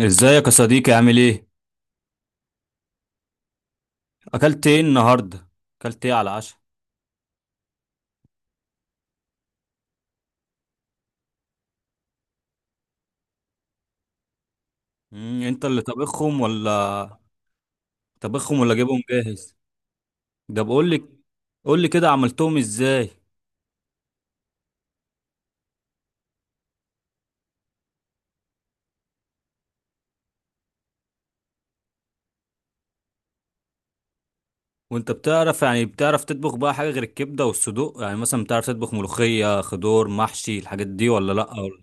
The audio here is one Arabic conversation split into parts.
ازيك يا صديقي؟ عامل ايه؟ اكلت ايه النهارده؟ اكلت ايه على العشاء؟ انت اللي طبخهم ولا؟ طبخهم ولا جايبهم جاهز؟ ده بقول لك. قول لي كده عملتهم ازاي. وانت بتعرف، يعني بتعرف تطبخ بقى حاجه غير الكبده والصدوق؟ يعني مثلا بتعرف تطبخ ملوخيه، خضار، محشي، الحاجات دي ولا لا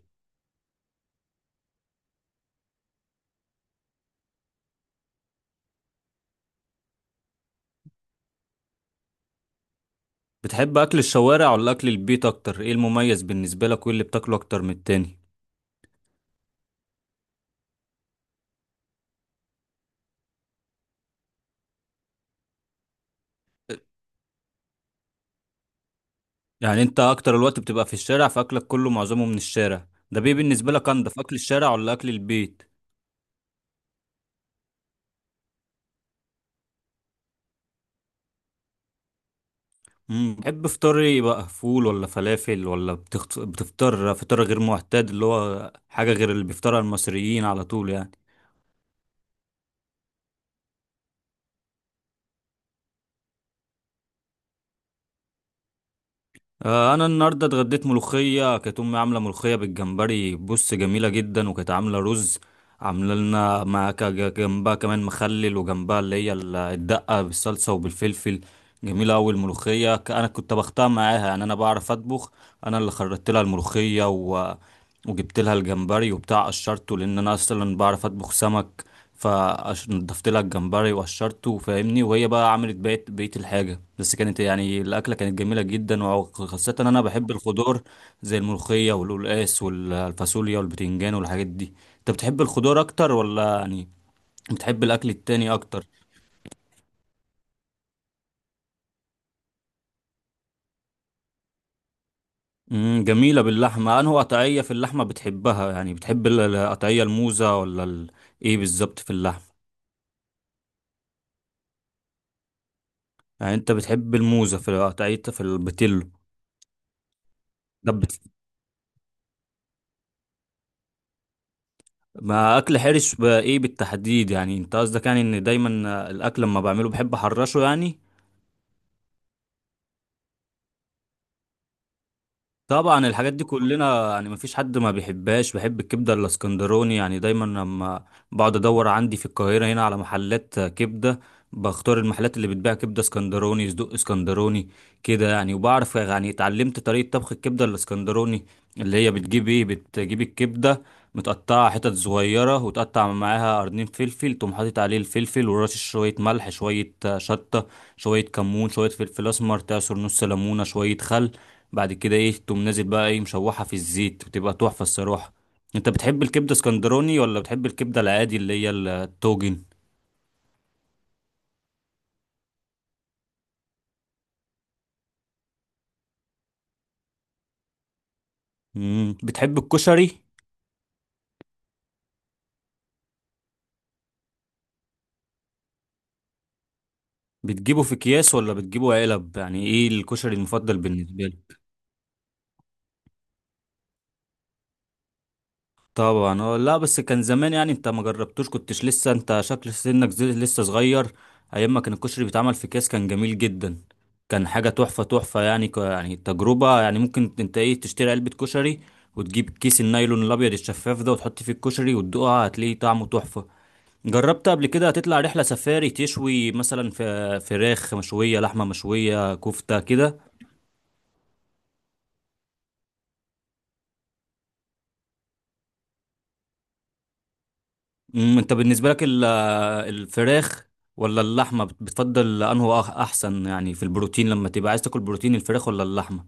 بتحب اكل الشوارع ولا اكل البيت اكتر؟ ايه المميز بالنسبه لك؟ وايه اللي بتاكله اكتر من التاني؟ يعني انت اكتر الوقت بتبقى في الشارع، فاكلك كله معظمه من الشارع ده. بيه بالنسبه لك انضف اكل الشارع ولا اكل البيت؟ بتحب فطاري يبقى فول ولا فلافل ولا بتفطر فطار غير معتاد اللي هو حاجة غير اللي بيفطرها المصريين على طول يعني؟ آه، انا النهارده اتغديت ملوخية. كانت امي عاملة ملوخية بالجمبري، بص جميلة جدا، وكانت عاملة رز. عامله لنا مع جنبها كمان مخلل، وجنبها اللي هي الدقه بالصلصه وبالفلفل. جميله قوي الملوخيه. انا كنت بختار معاها، يعني انا بعرف اطبخ. انا اللي خرجت لها الملوخيه وجبت لها الجمبري وبتاع قشرته، لان انا اصلا بعرف اطبخ سمك. فنضفت لها الجمبري وقشرته، فاهمني، وهي بقى عملت بقيت بقيه الحاجه. بس كانت يعني الاكله كانت جميله جدا، وخاصه ان انا بحب الخضار، زي الملوخيه والقلقاس والفاصوليا والبتنجان والحاجات دي. انت بتحب الخضار اكتر، ولا يعني بتحب الاكل التاني اكتر؟ جميله باللحمه. انه قطعيه في اللحمه بتحبها؟ يعني بتحب القطعيه الموزه ولا ايه بالظبط في اللحمه؟ يعني انت بتحب الموزه في القطعيه في البتلو؟ ده بت... ما اكل حرش بقى ايه بالتحديد؟ يعني انت قصدك يعني ان دايما الاكل لما بعمله بحب احرشه يعني؟ طبعا الحاجات دي كلنا، يعني مفيش حد ما بيحبهاش. بحب الكبده الاسكندراني، يعني دايما لما بقعد ادور عندي في القاهره هنا على محلات كبده، بختار المحلات اللي بتبيع كبده اسكندراني، صدوق اسكندراني كده يعني. وبعرف، يعني اتعلمت طريقه طبخ الكبده الاسكندراني، اللي هي بتجيب ايه، بتجيب الكبده متقطعه حتت صغيره، وتقطع معاها قرنين فلفل، تقوم حاطط عليه الفلفل ورشش شويه ملح، شويه شطه، شويه كمون، شويه فلفل اسمر، تعصر نص ليمونه، شويه خل. بعد كده ايه، تقوم نازل بقى ايه مشوحة في الزيت، بتبقى تحفة الصراحة. انت بتحب الكبدة اسكندراني، ولا بتحب الكبدة العادي اللي هي التوجن؟ مم. بتحب الكشري؟ بتجيبه في اكياس ولا بتجيبه علب؟ يعني ايه الكشري المفضل بالنسبة لك؟ طبعا. اه، لا، بس كان زمان، يعني انت ما جربتوش، كنتش لسه، انت شكل سنك لسه صغير. ايام ما كان الكشري بيتعمل في كاس كان جميل جدا، كان حاجه تحفه تحفه، يعني يعني تجربه. يعني ممكن انت ايه تشتري علبه كشري، وتجيب كيس النايلون الابيض الشفاف ده وتحط فيه الكشري وتدوقها، هتلاقيه طعمه تحفه. جربت قبل كده تطلع رحله سفاري تشوي مثلا في فراخ مشويه، لحمه مشويه، كفته كده؟ انت بالنسبه لك الفراخ ولا اللحمة بتفضل أنه أحسن يعني في البروتين؟ لما تبقى عايز تاكل بروتين، الفراخ ولا اللحمة؟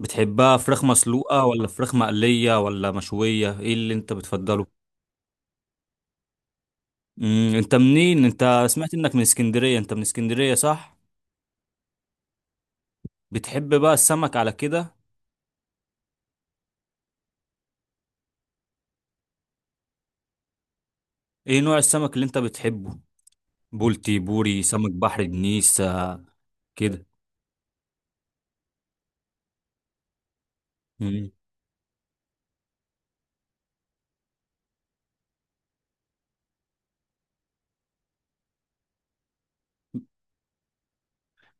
بتحبها فراخ مسلوقة ولا فراخ مقلية ولا مشوية؟ إيه اللي أنت بتفضله؟ أنت منين؟ أنت سمعت إنك من اسكندرية، أنت من اسكندرية صح؟ بتحب بقى السمك على كده؟ إيه نوع السمك اللي أنت بتحبه؟ بولتي، بوري، سمك بحر، دنيس، كده؟ امم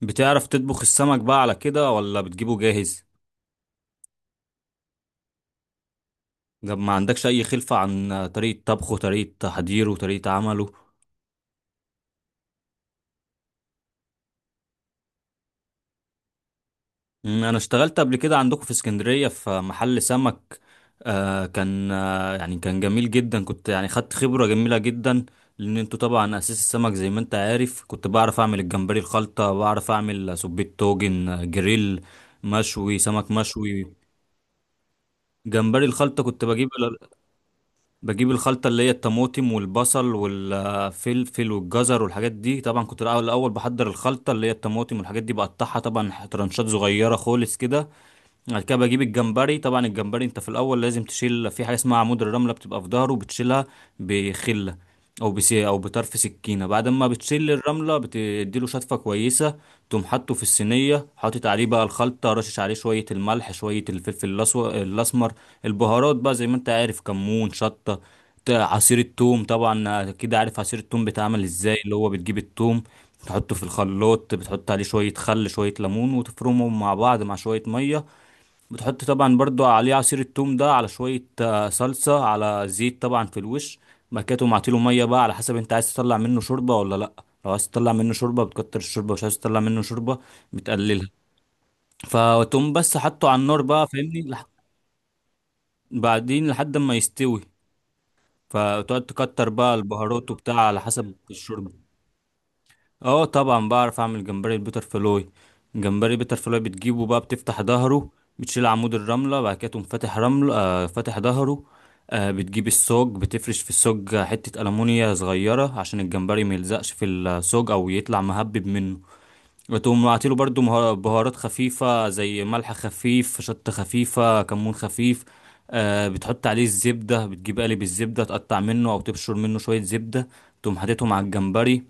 بتعرف تطبخ السمك بقى على كده، ولا بتجيبه جاهز؟ ده ما عندكش اي خلفة عن طريقة طبخه، طريقة تحضيره، طريقة عمله؟ انا اشتغلت قبل كده عندكم في اسكندرية في محل سمك. آه كان آه يعني كان جميل جدا، كنت يعني خدت خبرة جميلة جدا. لان انتوا طبعا اساس السمك، زي ما انت عارف. كنت بعرف اعمل الجمبري الخلطة، بعرف اعمل سبيت توجن، جريل، مشوي، سمك مشوي. جمبري الخلطة كنت بجيب، بجيب الخلطة اللي هي الطماطم والبصل والفلفل والجزر والحاجات دي. طبعا كنت الأول الأول بحضر الخلطة، اللي هي الطماطم والحاجات دي بقطعها، طبعا ترانشات صغيرة خالص كده. بعد كده بجيب الجمبري. طبعا الجمبري انت في الاول لازم تشيل في حاجه اسمها عمود الرمله، بتبقى في ظهره بتشيلها، بخله او بسي او بطرف سكينه. بعد ما بتشيل الرمله بتديله شطفه كويسه، تقوم حاطه في الصينيه، حاطط عليه بقى الخلطه، رشش عليه شويه الملح، شويه الفلفل الاسمر، البهارات بقى زي ما انت عارف، كمون، شطه، عصير الثوم. طبعا كده عارف عصير الثوم بيتعمل ازاي، اللي هو بتجيب الثوم تحطه في الخلاط، بتحط عليه شويه خل، شويه ليمون، وتفرمهم مع بعض مع شويه ميه. بتحط طبعا برضو عليه عصير التوم ده، على شوية صلصة، على زيت طبعا في الوش. بعد كده تقوم عاطيله مية بقى على حسب انت عايز تطلع منه شوربة ولا لأ. لو عايز تطلع منه شوربة بتكتر الشوربة، مش عايز تطلع منه شوربة بتقللها. فتقوم بس حطه على النار بقى، فاهمني. بعدين لحد ما يستوي، فتقعد تكتر بقى البهارات وبتاع على حسب الشوربة. اه طبعا بعرف اعمل جمبري البيتر فلوي. جمبري بيتر فلوي بتجيبه بقى، بتفتح ظهره، بتشيل عمود الرمله، بعد كده تقوم فاتح رمله، فاتح ظهره. بتجيب السوج، بتفرش في السوج حته ألمونيا صغيره عشان الجمبري ما يلزقش في السوج او يطلع مهبب منه. وتقوم معطيله برضو بهارات خفيفه زي ملح خفيف، شطه خفيفه، كمون خفيف. بتحط عليه الزبده، بتجيب قالب الزبده تقطع منه او تبشر منه شويه زبده، تقوم حاططهم على الجمبري.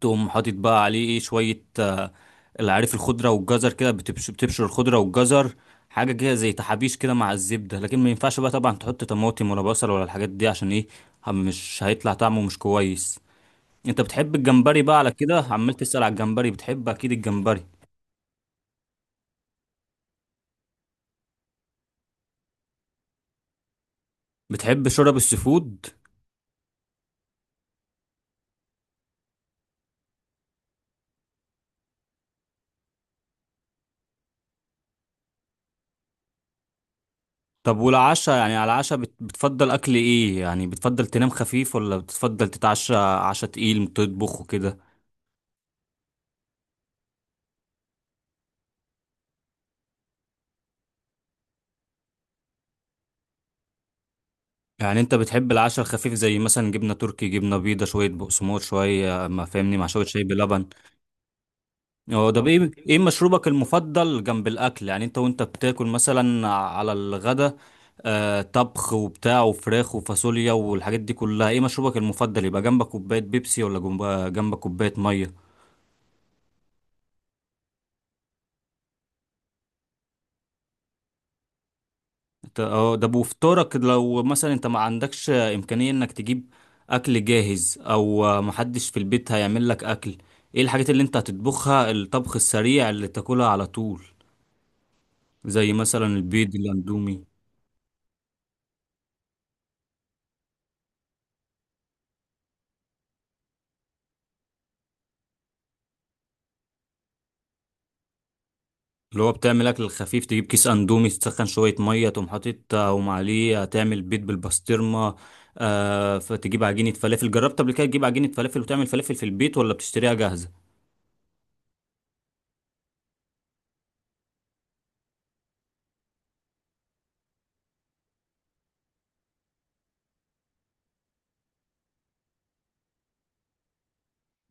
تقوم حاطط بقى عليه ايه شوية، العارف، الخضرة والجزر كده، بتبشر الخضرة والجزر، حاجة كده زي تحابيش كده مع الزبدة. لكن ما ينفعش بقى طبعا تحط طماطم ولا بصل ولا الحاجات دي، عشان ايه، مش هيطلع طعمه مش كويس. انت بتحب الجمبري بقى على كده، عمال تسأل على الجمبري، بتحب اكيد الجمبري. بتحب شرب السفود؟ طب والعشاء، يعني على العشاء بتفضل اكل ايه؟ يعني بتفضل تنام خفيف ولا بتفضل تتعشى عشاء تقيل تطبخ وكده؟ يعني انت بتحب العشاء الخفيف، زي مثلا جبنه تركي، جبنه بيضه، شويه بقسماط، شويه ما فاهمني، مع شويه شاي بلبن؟ هو ده ايه مشروبك المفضل جنب الاكل؟ يعني انت وانت بتاكل مثلا على الغدا، آه طبخ وبتاع وفراخ وفاصوليا والحاجات دي كلها، ايه مشروبك المفضل يبقى جنبك كوبايه بيبسي، ولا جنبك كوبايه ميه؟ ده بوفطارك، لو مثلا انت ما عندكش امكانية انك تجيب اكل جاهز، او محدش في البيت هيعمل لك اكل، ايه الحاجات اللي انت هتطبخها، الطبخ السريع اللي تاكلها على طول، زي مثلا البيض، الاندومي. اللي هو بتعمل اكل خفيف، تجيب كيس اندومي، تسخن شوية مية، تقوم حاطط، تقوم عليه تعمل بيض بالبسطرمة. فتجيب عجينة فلافل. جربت قبل كده تجيب عجينة فلافل وتعمل فلافل في البيت ولا بتشتريها جاهزة؟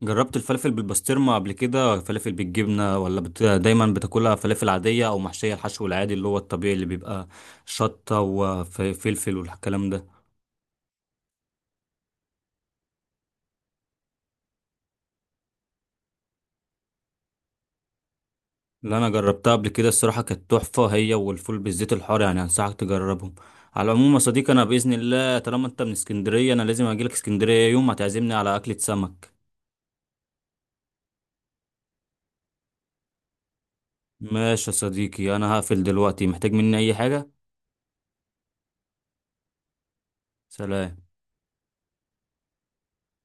جربت الفلفل بالبسطرمة قبل كده؟ فلافل بالجبنة، ولا دايما بتاكلها فلافل عادية أو محشية، الحشو العادي اللي هو الطبيعي اللي بيبقى شطة وفلفل والكلام ده؟ اللي أنا جربتها قبل كده الصراحة كانت تحفة، هي والفول بالزيت الحار، يعني أنصحك تجربهم. على العموم يا صديقي، أنا بإذن الله طالما أنت من اسكندرية، أنا لازم أجيلك اسكندرية يوم، هتعزمني على أكلة سمك. ماشي يا صديقي، أنا هقفل دلوقتي، محتاج مني أي حاجة؟ سلام.